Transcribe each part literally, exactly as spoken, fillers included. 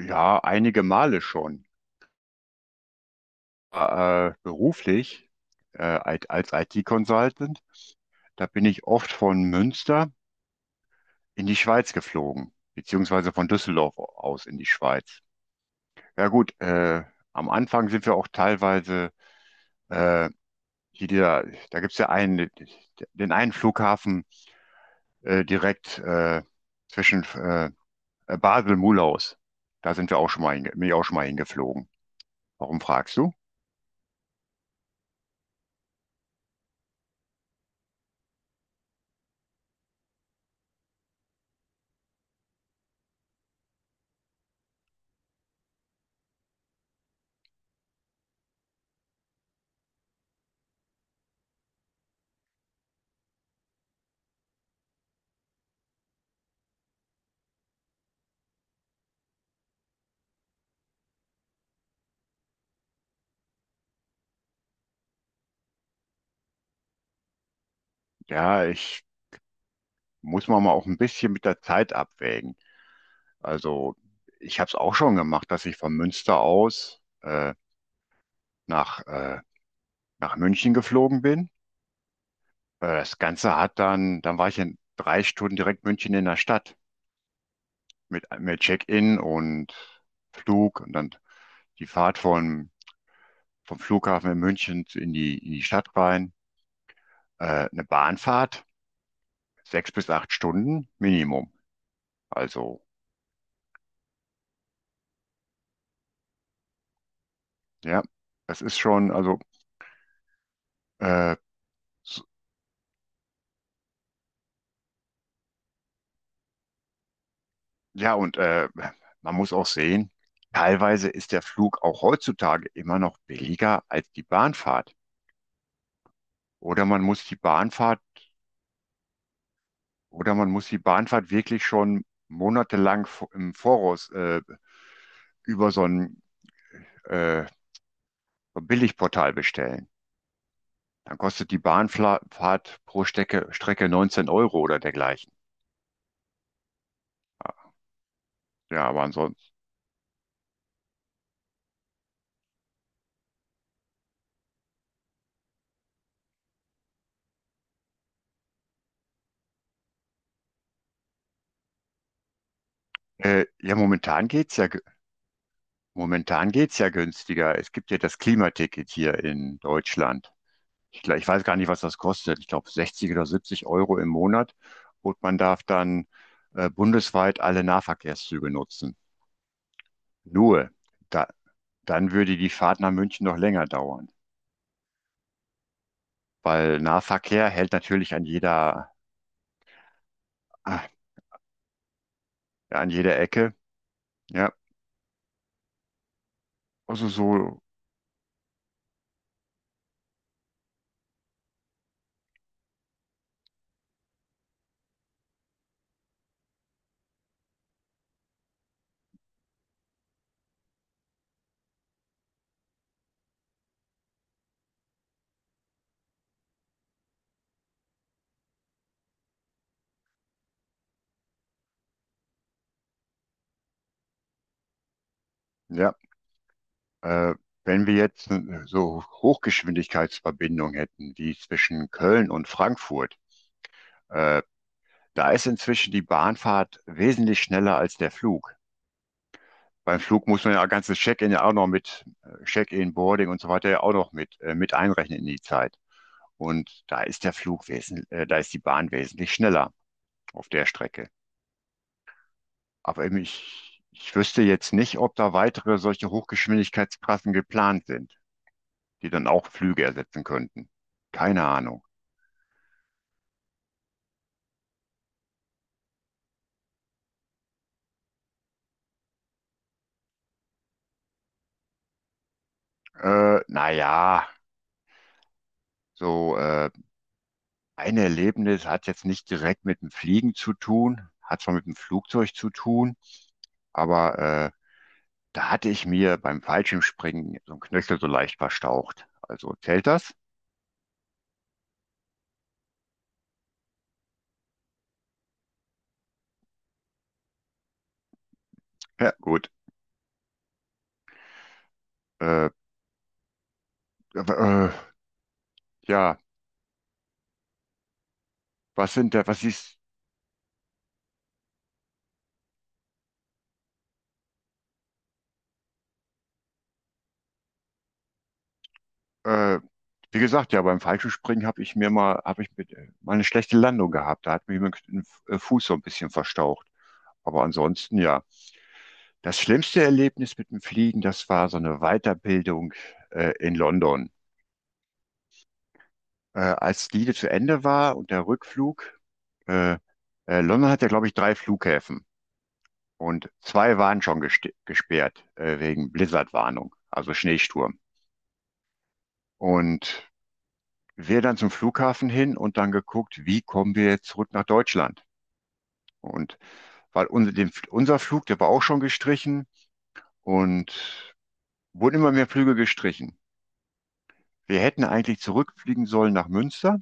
Ja, einige Male schon. Äh, äh, beruflich, äh, als als I T-Consultant, da bin ich oft von Münster in die Schweiz geflogen, beziehungsweise von Düsseldorf aus in die Schweiz. Ja gut, äh, am Anfang sind wir auch teilweise, äh, hier dieser, da gibt es ja einen, den einen Flughafen äh, direkt, äh, zwischen, äh, Basel-Mulaus. Da sind wir auch schon mal, hinge- bin ich auch schon mal hingeflogen. Warum fragst du? Ja, ich muss man mal auch ein bisschen mit der Zeit abwägen. Also ich habe es auch schon gemacht, dass ich von Münster aus äh, nach, äh, nach München geflogen bin. Äh, das Ganze hat dann, dann war ich in drei Stunden direkt München in der Stadt mit, mit Check-in und Flug und dann die Fahrt von, vom Flughafen in München in die, in die Stadt rein. Äh, eine Bahnfahrt, sechs bis acht Stunden Minimum. Also ja, das ist schon, also äh, ja, und äh, man muss auch sehen, teilweise ist der Flug auch heutzutage immer noch billiger als die Bahnfahrt. Oder man muss die Bahnfahrt, oder man muss die Bahnfahrt wirklich schon monatelang vo- im Voraus äh, über so ein äh, Billigportal bestellen. Dann kostet die Bahnfahrt pro Strecke, Strecke neunzehn Euro oder dergleichen. Ja, aber ansonsten. Äh, ja, momentan geht's ja, ge- momentan geht's ja günstiger. Es gibt ja das Klimaticket hier in Deutschland. Ich, gla- ich weiß gar nicht, was das kostet. Ich glaube sechzig oder siebzig Euro im Monat. Und man darf dann äh, bundesweit alle Nahverkehrszüge nutzen. Nur, da, dann würde die Fahrt nach München noch länger dauern. Weil Nahverkehr hält natürlich an jeder, ah, an jeder Ecke. Ja, also so, ja. Äh, Wenn wir jetzt so Hochgeschwindigkeitsverbindungen hätten, wie zwischen Köln und Frankfurt, äh, da ist inzwischen die Bahnfahrt wesentlich schneller als der Flug. Beim Flug muss man ja ganzes Check-in ja auch noch mit, äh, Check-in, Boarding und so weiter ja auch noch mit, äh, mit einrechnen in die Zeit. Und da ist der Flug wesentlich, äh, da ist die Bahn wesentlich schneller auf der Strecke. Aber eben ich, ich wüsste jetzt nicht, ob da weitere solche Hochgeschwindigkeitstrassen geplant sind, die dann auch Flüge ersetzen könnten. Keine Ahnung. Äh, naja, so äh, ein Erlebnis hat jetzt nicht direkt mit dem Fliegen zu tun, hat zwar mit dem Flugzeug zu tun, aber äh, da hatte ich mir beim Fallschirmspringen so einen Knöchel so leicht verstaucht. Also zählt das? Ja, gut. Äh, äh, ja, was sind da, was ist, äh, wie gesagt, ja, beim Fallschirmspringen habe ich mir mal, habe ich mit, äh, mal eine schlechte Landung gehabt. Da hat mir mein Kn- äh, Fuß so ein bisschen verstaucht. Aber ansonsten, ja. Das schlimmste Erlebnis mit dem Fliegen, das war so eine Weiterbildung, äh, in London. Äh, als die zu Ende war und der Rückflug, äh, äh, London hat ja, glaube ich, drei Flughäfen. Und zwei waren schon gest- gesperrt, äh, wegen Blizzardwarnung, also Schneesturm. Und wir dann zum Flughafen hin und dann geguckt, wie kommen wir jetzt zurück nach Deutschland. Und weil unser, den, unser Flug, der war auch schon gestrichen und wurden immer mehr Flüge gestrichen. Wir hätten eigentlich zurückfliegen sollen nach Münster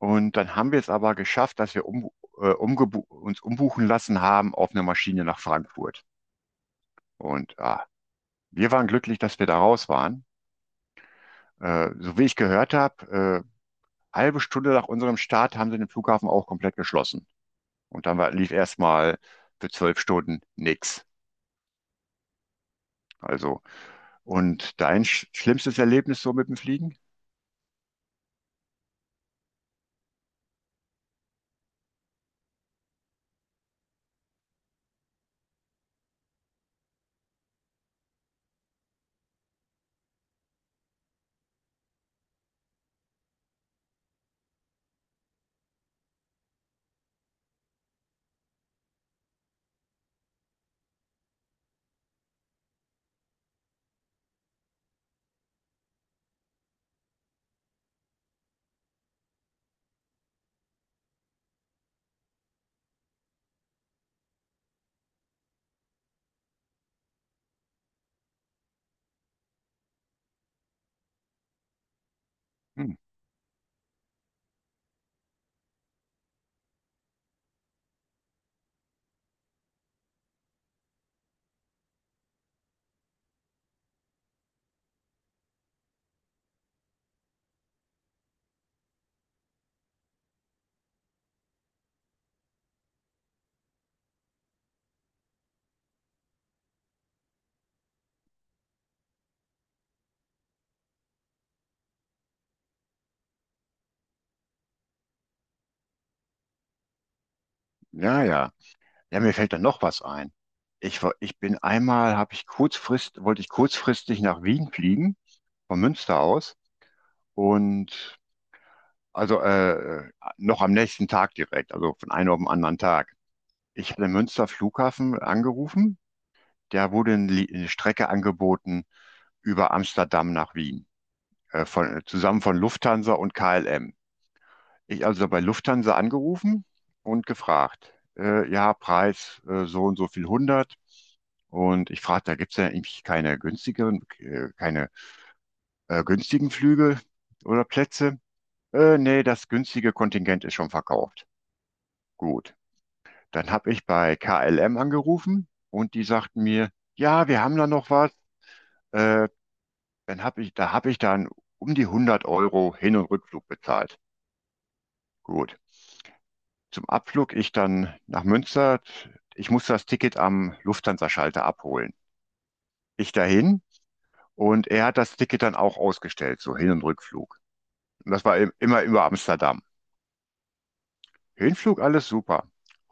und dann haben wir es aber geschafft, dass wir um, äh, umgebu uns umbuchen lassen haben auf eine Maschine nach Frankfurt. Und ah, wir waren glücklich, dass wir da raus waren. Äh, so wie ich gehört habe, äh, halbe Stunde nach unserem Start haben sie den Flughafen auch komplett geschlossen. Und dann war, lief erstmal für zwölf Stunden nichts. Also, und dein sch schlimmstes Erlebnis so mit dem Fliegen? Hm, ja, ja. Ja, mir fällt dann noch was ein. Ich, war- ich bin einmal, habe ich kurzfrist, wollte ich kurzfristig nach Wien fliegen, von Münster aus. Und also äh, noch am nächsten Tag direkt, also von einem auf den anderen Tag. Ich hatte Münster Flughafen angerufen, der wurde eine Strecke angeboten über Amsterdam nach Wien, äh, von, zusammen von Lufthansa und K L M. Ich also bei Lufthansa angerufen und gefragt, äh, ja, Preis, äh, so und so viel hundert. Und ich fragte, da gibt es ja eigentlich keine günstigeren, äh, keine äh, günstigen Flüge oder Plätze. Äh, nee, das günstige Kontingent ist schon verkauft. Gut. Dann habe ich bei K L M angerufen und die sagten mir, ja, wir haben da noch was. Äh, Dann habe ich, da habe ich dann um die hundert Euro Hin- und Rückflug bezahlt. Gut. Zum Abflug ich dann nach Münster. Ich musste das Ticket am Lufthansa-Schalter abholen. Ich dahin und er hat das Ticket dann auch ausgestellt, so Hin- und Rückflug. Und das war im- immer über Amsterdam. Hinflug alles super.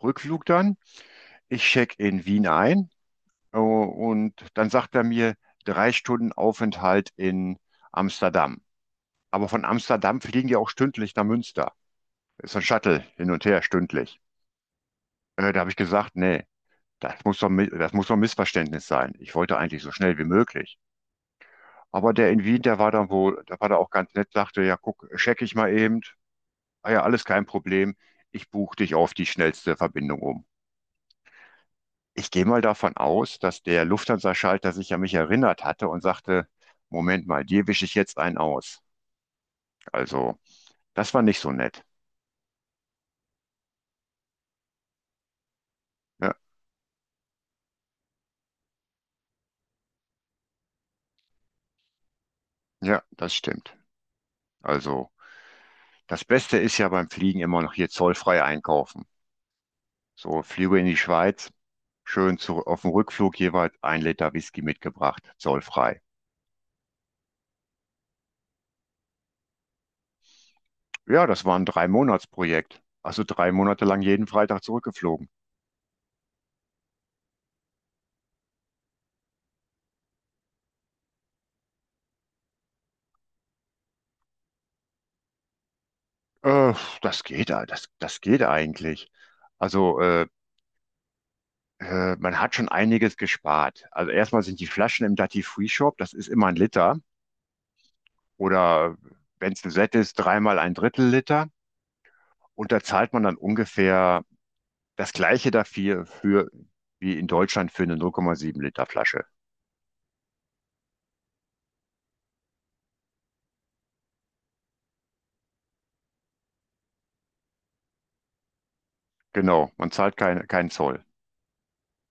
Rückflug dann. Ich check in Wien ein, äh, und dann sagt er mir drei Stunden Aufenthalt in Amsterdam. Aber von Amsterdam fliegen die auch stündlich nach Münster. Ist so ein Shuttle hin und her stündlich. Äh, da habe ich gesagt, nee, das muss doch, mi- das muss doch ein Missverständnis sein. Ich wollte eigentlich so schnell wie möglich. Aber der in Wien, der war dann wohl, der war da auch ganz nett, sagte, ja, guck, check ich mal eben. Ah ja, alles kein Problem. Ich buche dich auf die schnellste Verbindung um. Ich gehe mal davon aus, dass der Lufthansa-Schalter sich an mich erinnert hatte und sagte, Moment mal, dir wische ich jetzt einen aus. Also, das war nicht so nett. Ja, ja, das stimmt. Also, das Beste ist ja beim Fliegen immer noch hier zollfrei einkaufen. So, Flüge in die Schweiz, schön zu, auf dem Rückflug jeweils ein Liter Whisky mitgebracht, zollfrei. Ja, das war ein Drei-Monats-Projekt. Also drei Monate lang jeden Freitag zurückgeflogen. Äh, Das geht, äh, das, das geht eigentlich. Also, äh, äh, man hat schon einiges gespart. Also erstmal sind die Flaschen im Duty Free Shop, das ist immer ein Liter. Oder wenn es ein Set ist, dreimal ein Drittel Liter. Und da zahlt man dann ungefähr das gleiche dafür für, wie in Deutschland für eine null Komma sieben Liter Flasche. Genau, man zahlt kein, keinen Zoll.